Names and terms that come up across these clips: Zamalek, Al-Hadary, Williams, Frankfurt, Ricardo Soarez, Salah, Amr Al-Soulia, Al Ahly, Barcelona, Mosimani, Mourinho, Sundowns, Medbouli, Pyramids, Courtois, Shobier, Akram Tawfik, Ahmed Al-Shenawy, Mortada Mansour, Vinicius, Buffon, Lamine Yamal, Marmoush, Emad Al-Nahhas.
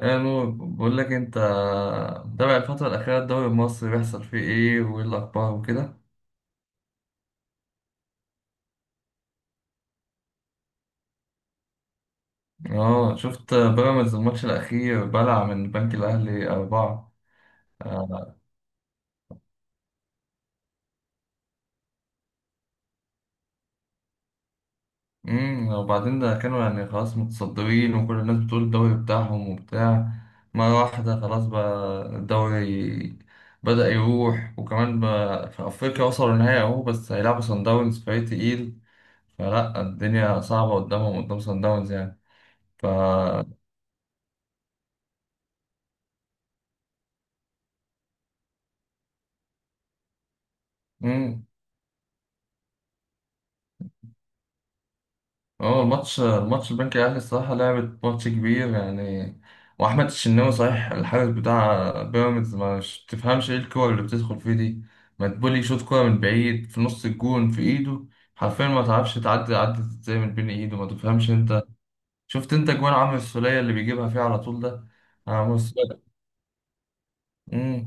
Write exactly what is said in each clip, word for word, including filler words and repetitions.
ايه مو بقول لك انت متابع الفترة الأخيرة الدوري المصري بيحصل فيه ايه وايه الأخبار وكده. اه شفت بيراميدز الماتش الأخير بلع من البنك الأهلي أربعة. امم وبعدين ده كانوا يعني خلاص متصدرين وكل الناس بتقول الدوري بتاعهم وبتاع، مرة واحدة خلاص بقى الدوري بدأ يروح. وكمان بقى في أفريقيا وصلوا النهائي أهو، بس هيلعبوا صن داونز فريق تقيل، فلا الدنيا صعبة قدامهم قدام صن داونز يعني. ف هو الماتش الماتش البنك الاهلي الصراحه لعبت ماتش كبير يعني. واحمد الشناوي صحيح الحارس بتاع بيراميدز ما ش- تفهمش ايه الكور اللي بتدخل فيه دي. مدبولي يشوط كوره من بعيد في نص الجون في ايده حرفيا، ما تعرفش تعدي عدت ازاي من بين ايده، ما تفهمش انت. شفت انت جوان عمرو السوليه اللي بيجيبها فيه على طول ده؟ عمرو السوليه.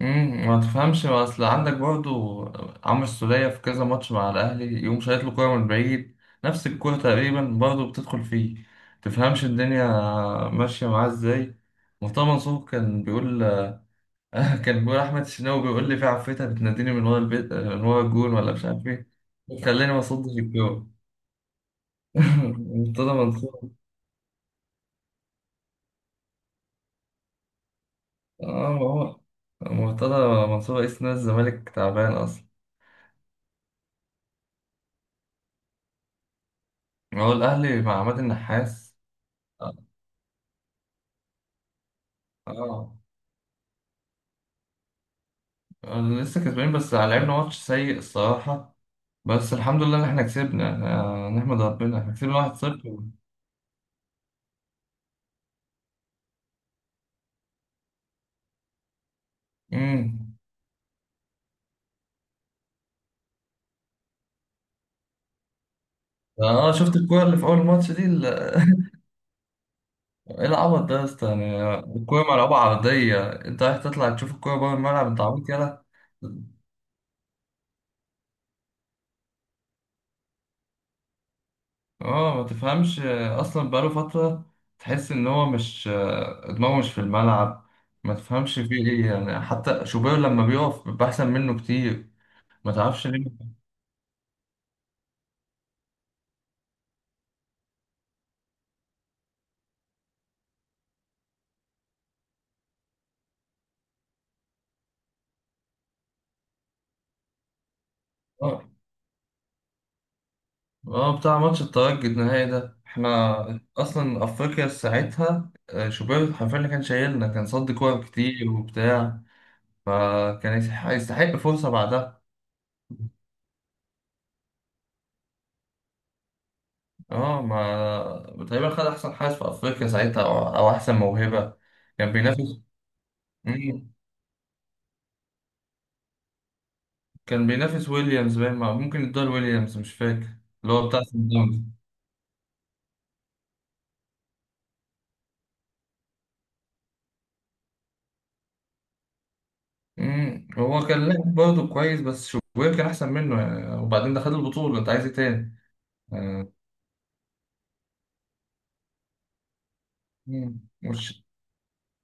امم ما تفهمش، ما اصل عندك برضو عمرو السولية في كذا ماتش مع الاهلي يقوم شايط له كوره من بعيد، نفس الكوره تقريبا برضو بتدخل فيه. تفهمش الدنيا ماشيه معاه ازاي. مرتضى منصور كان بيقول كان بيقول احمد الشناوي بيقول لي في عفريتة بتناديني من ورا البيت من ورا الجون ولا مش عارف ايه، خلاني ما اصدش الكوره. مرتضى منصور. اه، ما هو مرتضى منصور رئيس نادي الزمالك تعبان اصلا. هو الاهلي مع عماد النحاس. اه. آه. أنا لسه كسبانين بس لعبنا ماتش سيء الصراحة، بس الحمد لله إن إحنا كسبنا. آه، نحمد ربنا إحنا كسبنا واحد صفر. أمم. آه شفت الكورة اللي في أول ماتش دي ال- إيه العبط ده يا اسطى؟ يعني الكورة ملعوبة عرضية أنت رايح تطلع تشوف الكورة بره الملعب، أنت عبيط يلا. اه ما تفهمش آه، اصلا بقاله فترة تحس ان هو مش آه، دماغه مش في الملعب. ما تفهمش فيه ايه يعني، حتى شوبير لما بيقف بيبقى احسن منه كتير. ما تعرفش ليه. آه. اه بتاع ماتش الترجي النهائي ده احنا اصلا افريقيا ساعتها آه، شوبير حرفيا اللي كان شايلنا، كان صد كور كتير وبتاع، فكان يستحق يستحق فرصة بعدها. اه، ما تقريبا خد احسن حارس في افريقيا ساعتها او, أو احسن موهبة. كان بينافس. مم. كان بينافس ويليامز باين، ما- ممكن يدور ويليامز مش فاكر، اللي هو بتاع سان داونز. مم. هو كان لاعب برضه كويس بس شوبير كان احسن منه يعني، وبعدين ده خد البطولة انت عايز ايه تاني؟ آه. مم. مش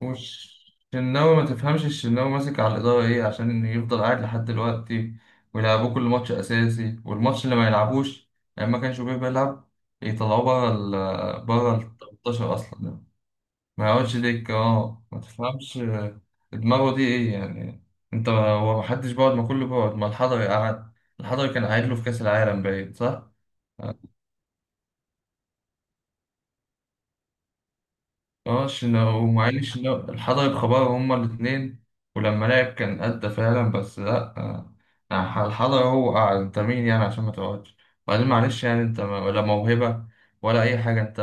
مش الشناوي، ما تفهمش الشناوي ماسك على الإدارة إيه عشان يفضل قاعد لحد دلوقتي ويلعبوه كل ماتش أساسي، والماتش اللي ما يلعبوش لما كان شوبير بيلعب يطلعوه بره ال بره ال تمنتاشر أصلا ده. ما يقعدش دكة. أه ما تفهمش دماغه دي إيه يعني. أنت هو ما حدش بيقعد؟ ما كله بيقعد، ما الحضري قعد، الحضري كان قاعد له في كأس العالم باين، صح؟ اه شنا ومعين، شنا حضر خبر، هما الاتنين. ولما لعب كان أدى فعلا بس لأ، آه، الحضر هو قاعد، أنت مين يعني عشان ما تقعدش؟ وبعدين معلش يعني أنت ما- ولا موهبة ولا أي حاجة، أنت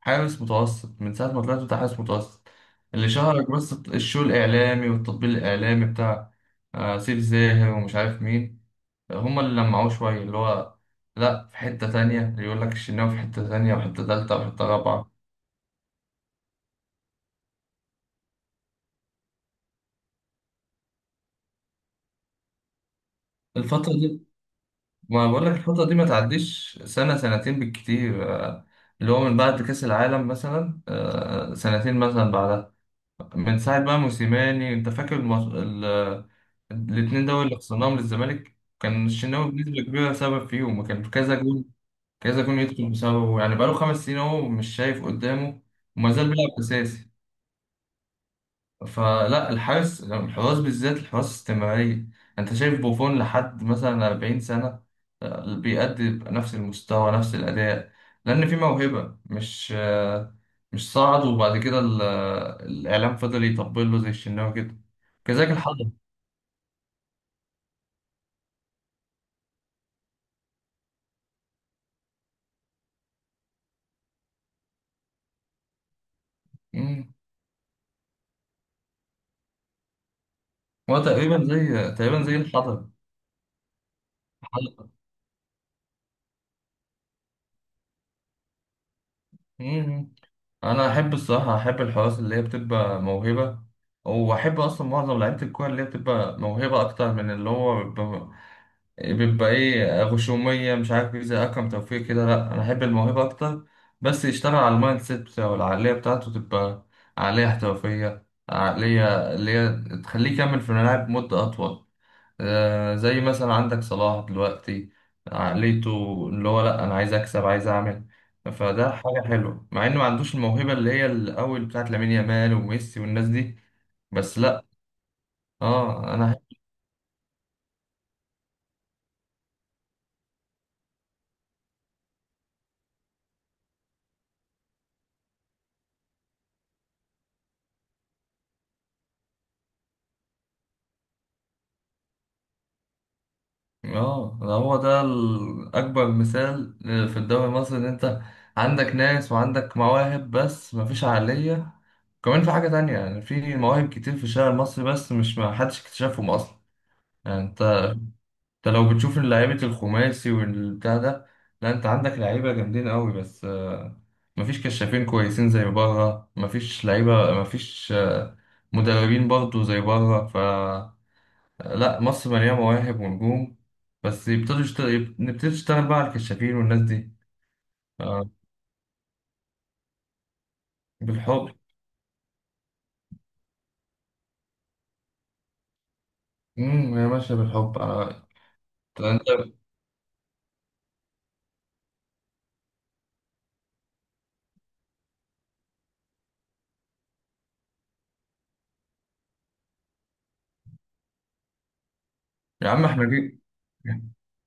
حارس متوسط من ساعة ما طلعت، أنت حارس متوسط اللي شهرك بس الشو الإعلامي والتطبيل الإعلامي بتاع آه، سيف زاهر ومش عارف مين، هما اللي لمعوه شوية اللي هو. لأ، في حتة تانية، اللي يقول لك الشناوي في حتة تانية وحتة تالتة وحتة رابعة. الفترة دي، ما بقول لك الفترة دي ما تعديش سنة سنتين بالكتير آه، اللي هو من بعد كأس العالم مثلا آه، سنتين مثلا بعدها، من ساعة بقى موسيماني. انت فاكر المص... ال... الاتنين دول اللي خسرناهم للزمالك؟ كان الشناوي بنسبة كبيرة سبب فيهم، وكان كذا جول كذا جول يدخل بسببه يعني. بقاله خمس سنين اهو مش شايف قدامه، وما زال بيلعب أساسي. فلا الحارس، الحراس بالذات الحراس استمرارية. انت شايف بوفون لحد مثلا أربعين سنة آه، بيأدي بنفس المستوى نفس الأداء، لأن في موهبة، مش آه، مش صعد وبعد كده ال- آه، الإعلام فضل يطبل له زي الشناوي كده. كذلك الحضر. مم. هو تقريبا زي تقريبا زي الحضر، الحضر. مم. أنا أحب الصراحة أحب الحراس اللي هي بتبقى موهبة، وأحب أصلا معظم لعيبة الكورة اللي هي بتبقى موهبة أكتر من اللي هو بيبقى ايه، غشومية مش عارف ايه زي أكرم توفيق كده. لأ أنا أحب الموهبة أكتر، بس يشتغل على المايند سيت بتاعه، العقلية بتاعته تبقى عقلية احترافية، عقلية اللي هي تخليه يكمل في الملاعب مدة أطول. آه زي مثلا عندك صلاح دلوقتي، عقليته اللي هو لأ أنا عايز أكسب عايز أعمل. فده حاجة حلوة مع إنه ما عندوش الموهبة اللي هي الأول بتاعت لامين يامال وميسي والناس دي. بس لأ. آه. أنا. اه ده هو ده ال- اكبر مثال في الدوري المصري ان انت عندك ناس وعندك مواهب بس مفيش عقلية. كمان في حاجة تانية، يعني في مواهب كتير في الشارع المصري بس مش ما حدش اكتشفهم اصلا. يعني انت انت لو بتشوف لعيبة الخماسي والبتاع ده، لا انت عندك لعيبة جامدين قوي، بس آه، مفيش كشافين كويسين زي بره، مفيش لعيبة، مفيش آه، مدربين برضو زي بره. لا مصر مليانة مواهب ونجوم، بس يبتدوا يشتغل نبتدي نشتغل بقى على الكشافين والناس دي. آه، بالحب. امم هي ماشية بالحب. أنا. أنت. يا عم احنا جي،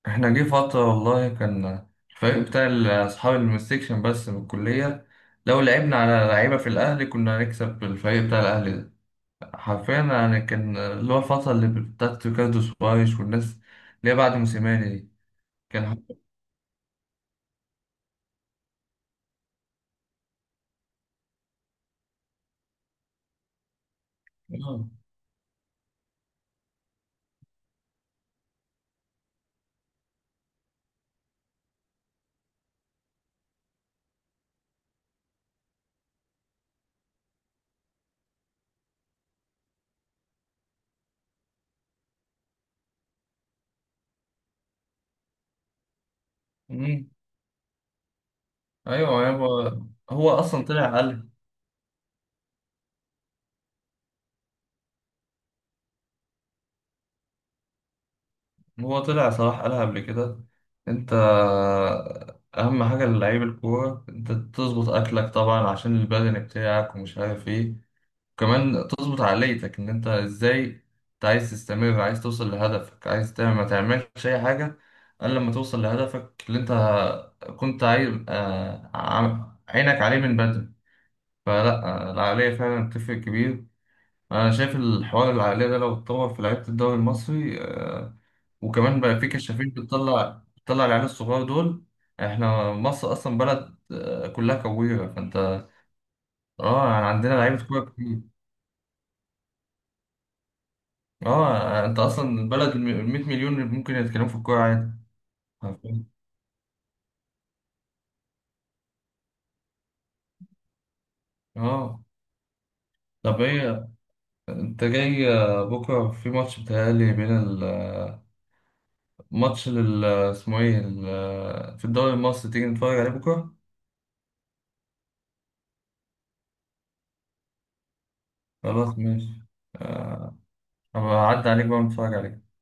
احنا جه فترة والله كان الفريق بتاع ال- أصحاب المستكشن بس من الكلية، لو لعبنا على لعيبة في الأهلي كنا هنكسب الفريق بتاع الأهلي ده حرفيا يعني. كان اللي هو الفترة اللي بتاعت ريكاردو سوايش والناس اللي هي بعد موسيماني دي. كان. آه. ايوه هو. هو اصلا طلع قالها، هو طلع صلاح قالها قبل كده. انت اهم حاجه للعيب الكوره انت تظبط اكلك طبعا عشان البدن بتاعك ومش عارف ايه، وكمان تظبط عقليتك ان انت ازاي، انت عايز تستمر عايز توصل لهدفك، عايز تعمل ما تعملش اي حاجه الا لما توصل لهدفك اللي انت كنت عايز آه، عينك عليه من بدري. فلا آه، العقليه فعلا بتفرق كبير. انا شايف الحوار العقلية ده لو اتطور في لعيبة الدوري المصري آه، وكمان بقى في كشافين بتطلع بتطلع العيال الصغار دول، احنا مصر اصلا بلد آه، كلها كويرة فانت. اه يعني عندنا لعيبة كورة كتير. اه انت اصلا البلد الم- المية مليون اللي ممكن يتكلموا في الكورة عادي. عارفين؟ اه. طب ايه، انت جاي آه، بكرة في ماتش بتهيألي بين ال- آه، ماتش لل آه، اسمه ايه ال- آه، في الدوري المصري، تيجي نتفرج عليه بكرة؟ خلاص ماشي، آه، أبقى أعدي عليك بقى ونتفرج عليه.